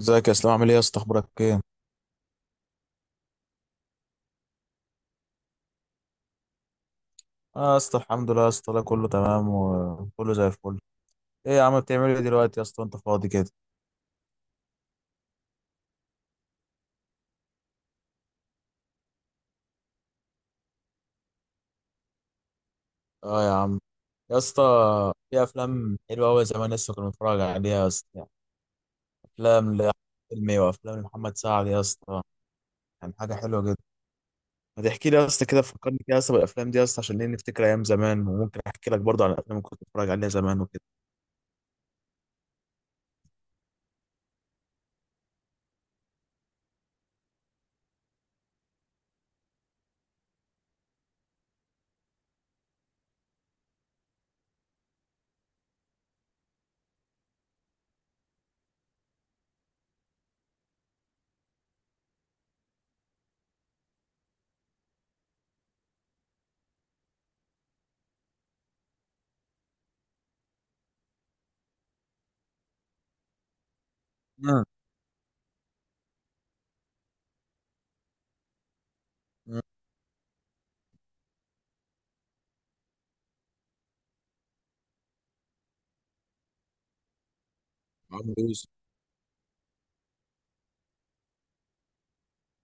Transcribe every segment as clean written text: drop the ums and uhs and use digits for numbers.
ازيك يا اسلام، عامل ايه يا اسطى؟ اخبارك ايه؟ اه يا اسطى، الحمد لله يا اسطى، لا كله تمام وكله زي الفل. ايه يا عم، بتعمل ايه دلوقتي يا اسطى؟ انت فاضي كده؟ اه يا عم، يا اسطى في افلام حلوه قوي زمان لسه كنا بنتفرج عليها يا اسطى يعني. افلام لاحمد حلمي وافلام لمحمد سعد يا اسطى، يعني حاجه حلوه جدا. ما تحكي لي يا اسطى كده، فكرني كده يا اسطى بالافلام دي يا اسطى، عشان ايه؟ نفتكر ايام زمان، وممكن احكي لك برضه عن الافلام اللي كنت بتفرج عليها زمان وكده. امم امم. عمرو يوسف.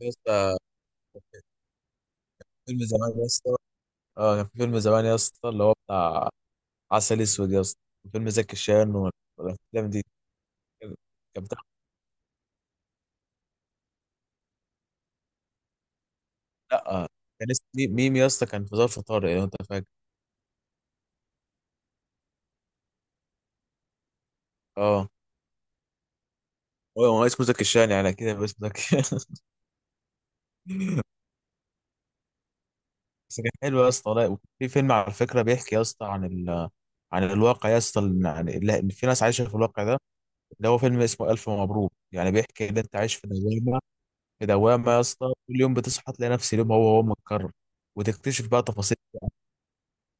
يا اسطى فيلم زمان يا اسطى، اه كان في فيلم زمان يا اسطى اللي هو بتاع عسل اسود يا اسطى. فيلم زكي شان والافلام دي كان بتاع. لا، كان اسمه ميم يا اسطى، كان في ظرف طارق لو انت فاكر. اه، هو هو اسمه زكي شان، يعني كده يبقى اسمه زكي بس كان حلو يا اسطى والله. في فيلم على فكره بيحكي يا اسطى عن عن الواقع يا اسطى، يعني اللي إن في ناس عايشه في الواقع ده، اللي هو فيلم اسمه الف مبروك. يعني بيحكي ان انت عايش في دوامه، في دوامه يا اسطى، كل يوم بتصحى تلاقي نفس اليوم هو هو متكرر، وتكتشف بقى تفاصيل.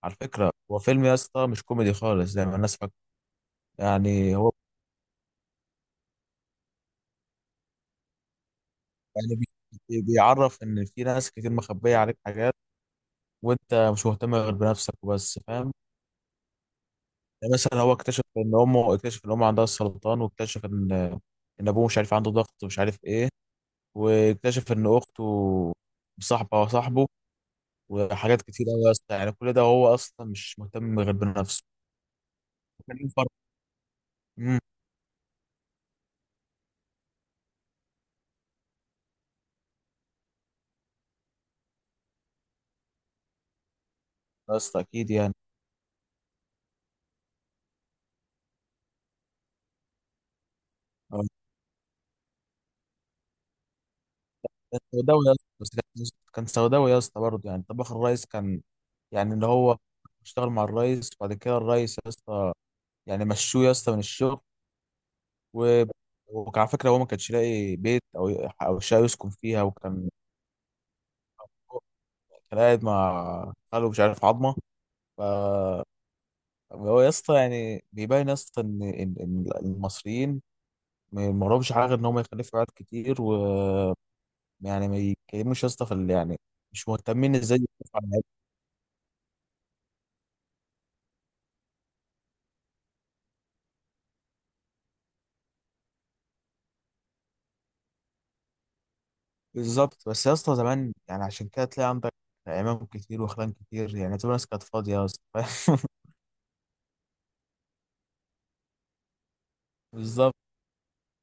على فكره، هو فيلم يا اسطى مش كوميدي خالص زي ما الناس يعني، هو يعني بيعرف ان في ناس كتير مخبيه عليك حاجات، وانت مش مهتم غير بنفسك وبس، فاهم؟ يعني مثلا هو اكتشف ان امه، اكتشف ان امه عندها السرطان، واكتشف ان ان ابوه مش عارف عنده ضغط، ومش عارف ايه، واكتشف ان اخته مصاحبه وصاحبه، وحاجات كتير قوي يا اسطى، يعني كل ده هو اصلا مش مهتم غير بنفسه. كان ليه فرق. امم، يا اسطى اكيد يعني. كان سوداوي يا اسطى بس كان، كان سوداوي يا اسطى برضه، يعني طباخ الريس كان، يعني اللي هو اشتغل مع الريس، وبعد كده الريس يا اسطى يعني مشوه يا اسطى من الشغل، و... وكان على فكره هو ما كانش لاقي بيت او او شقه يسكن فيها، وكان كان قاعد مع خاله، مش عارف عظمه. ف هو يا اسطى يعني بيبين يا اسطى ان ان إن المصريين ما وراهمش حاجه غير ان هم يخلفوا عيال كتير، ويعني ما يتكلموش يا اسطى في يعني مش مهتمين ازاي يخلفوا عيال. بالظبط، بس يا اسطى زمان يعني عشان كده تلاقي عندك امام كتير وخلان كتير، يعني تبقى الناس كانت فاضيه يا اسطى، فاهم؟ بالظبط.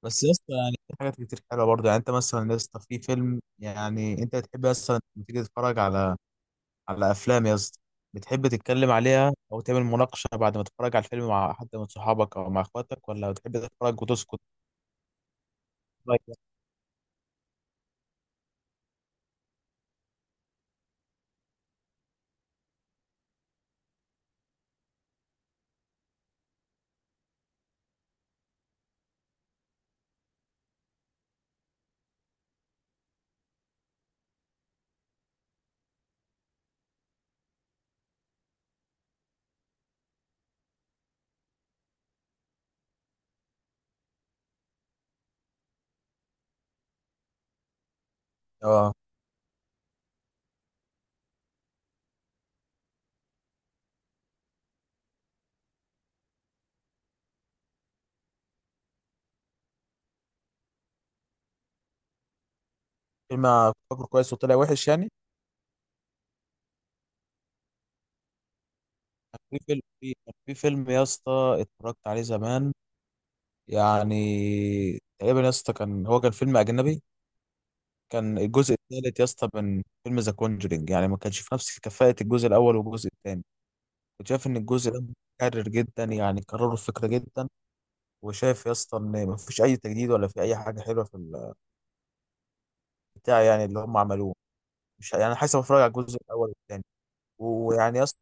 بس يا اسطى يعني في حاجات كتير حلوه برضه يعني. انت مثلا يا اسطى في فيلم، يعني انت بتحب مثلا لما تيجي تتفرج على على افلام يا اسطى، بتحب تتكلم عليها او تعمل مناقشه بعد ما تتفرج على الفيلم مع حد من صحابك او مع اخواتك، ولا بتحب تتفرج وتسكت؟ رأيك يعني؟ اه. فيلم فاكره كويس وطلع وحش يعني. كان في فيلم يا اسطى اتفرجت عليه زمان، يعني تقريبا يا اسطى كان هو كان فيلم اجنبي. كان الجزء الثالث يا اسطى من فيلم ذا كونجرينج، يعني ما كانش في نفس كفاءة الجزء الاول والجزء الثاني. كنت شايف ان الجزء ده متكرر جدا، يعني كرروا الفكرة جدا، وشايف يا اسطى ان ما فيش اي تجديد ولا في اي حاجة حلوة في بتاع، يعني اللي هم عملوه، مش يعني حاسس بتفرج على الجزء الاول والثاني. ويعني يا اسطى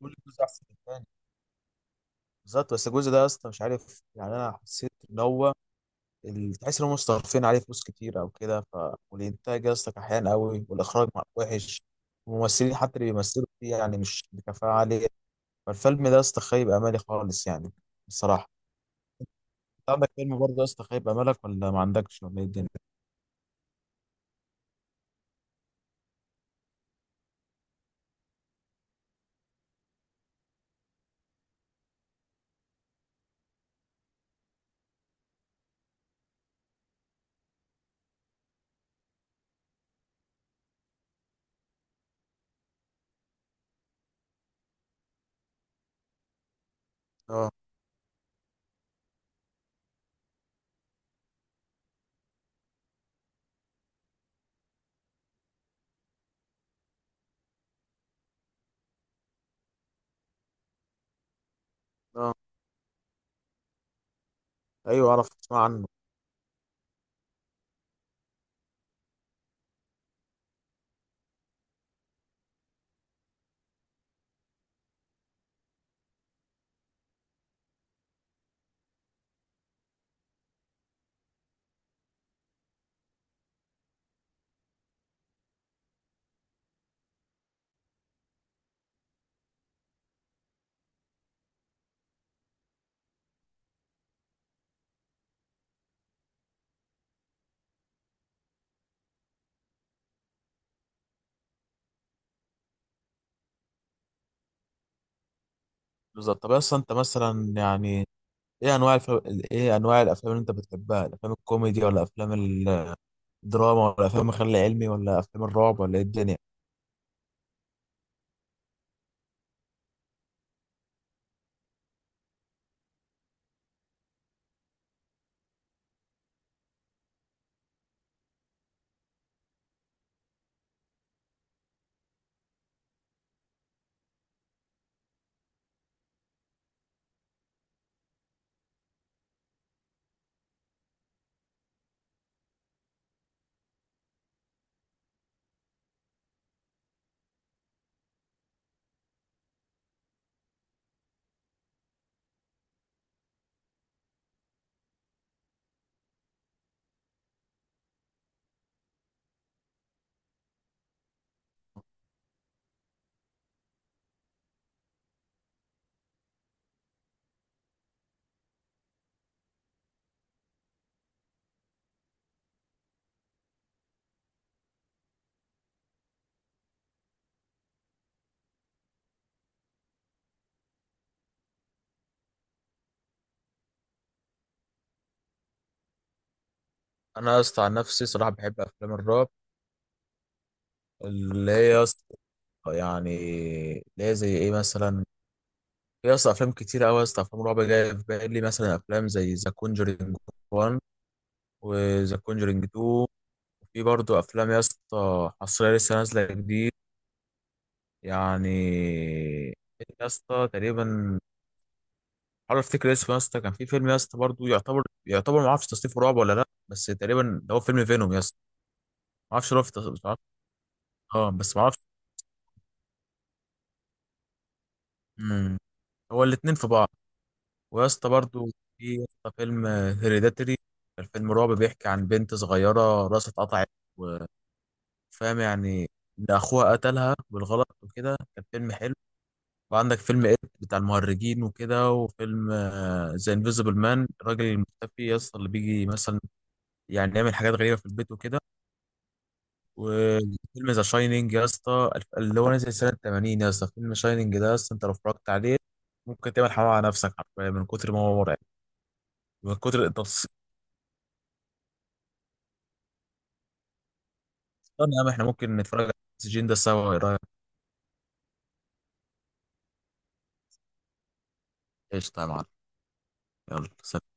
كل جزء احسن من الثاني. بالظبط، بس الجزء ده يا اسطى مش عارف يعني، انا حسيت ان هو تحس ان هم مصرفين عليه فلوس كتير او كده، والانتاج يا اسطى كحيان قوي، والاخراج وحش، الممثلين حتى اللي بيمثلوا فيه يعني مش بكفاءه عاليه. فالفيلم ده يا اسطى خيب امالي خالص يعني، بصراحه. انت عندك فيلم برضه يا اسطى خيب امالك، ولا ما عندكش، ولا ايه الدنيا؟ اه اه، ايوه، اعرف اسمع عنه. بالظبط. طب يا اسطى انت مثلا يعني، ايه انواع ايه انواع الافلام اللي انت بتحبها؟ الافلام الكوميدي، ولا افلام الدراما، ولا افلام الخيال العلمي، ولا افلام الرعب، ولا ايه الدنيا؟ انا يا اسطى عن نفسي صراحه بحب افلام الرعب، اللي هي يا اسطى يعني. اللي هي زي ايه مثلا؟ يا اسطى افلام كتير قوي يا اسطى، افلام رعب جايه في بالي مثلا، افلام زي ذا كونجرينج 1 وذا كونجرينج 2، وفي برضه افلام يا اسطى حصريه لسه نازله جديد يعني. يا اسطى تقريبا، حاول افتكر اسمه يا اسطى. كان في فيلم يا اسطى برضه يعتبر يعتبر ما اعرفش تصنيفه، رعب ولا لا، بس تقريبا ده هو فيلم فينوم يا اسطى. ما اعرفش، هو في مش عارف. اه بس ما اعرفش. مم. هو الاثنين في بعض. ويا اسطى برضه في يا اسطى فيلم هيريداتري، الفيلم رعب بيحكي عن بنت صغيرة راسها اتقطعت، وفاهم يعني إن أخوها قتلها بالغلط وكده، كان فيلم حلو. وعندك فيلم إد بتاع المهرجين وكده، وفيلم ذا انفيزبل مان، الراجل المختفي يا اسطى، اللي بيجي مثلا يعني يعمل حاجات غريبة في البيت وكده. وفيلم ذا شاينينج يا اسطى، اللي هو نزل سنة 80 يا اسطى، فيلم شاينينج ده يا اسطى أنت لو اتفرجت عليه ممكن تعمل حمام على نفسك حرفيا من كتر ما هو مرعب، من كتر طب يا عم احنا ممكن نتفرج على السجين ده سوا، ايه رايك؟ قشطه يا معلم. يلا سلام.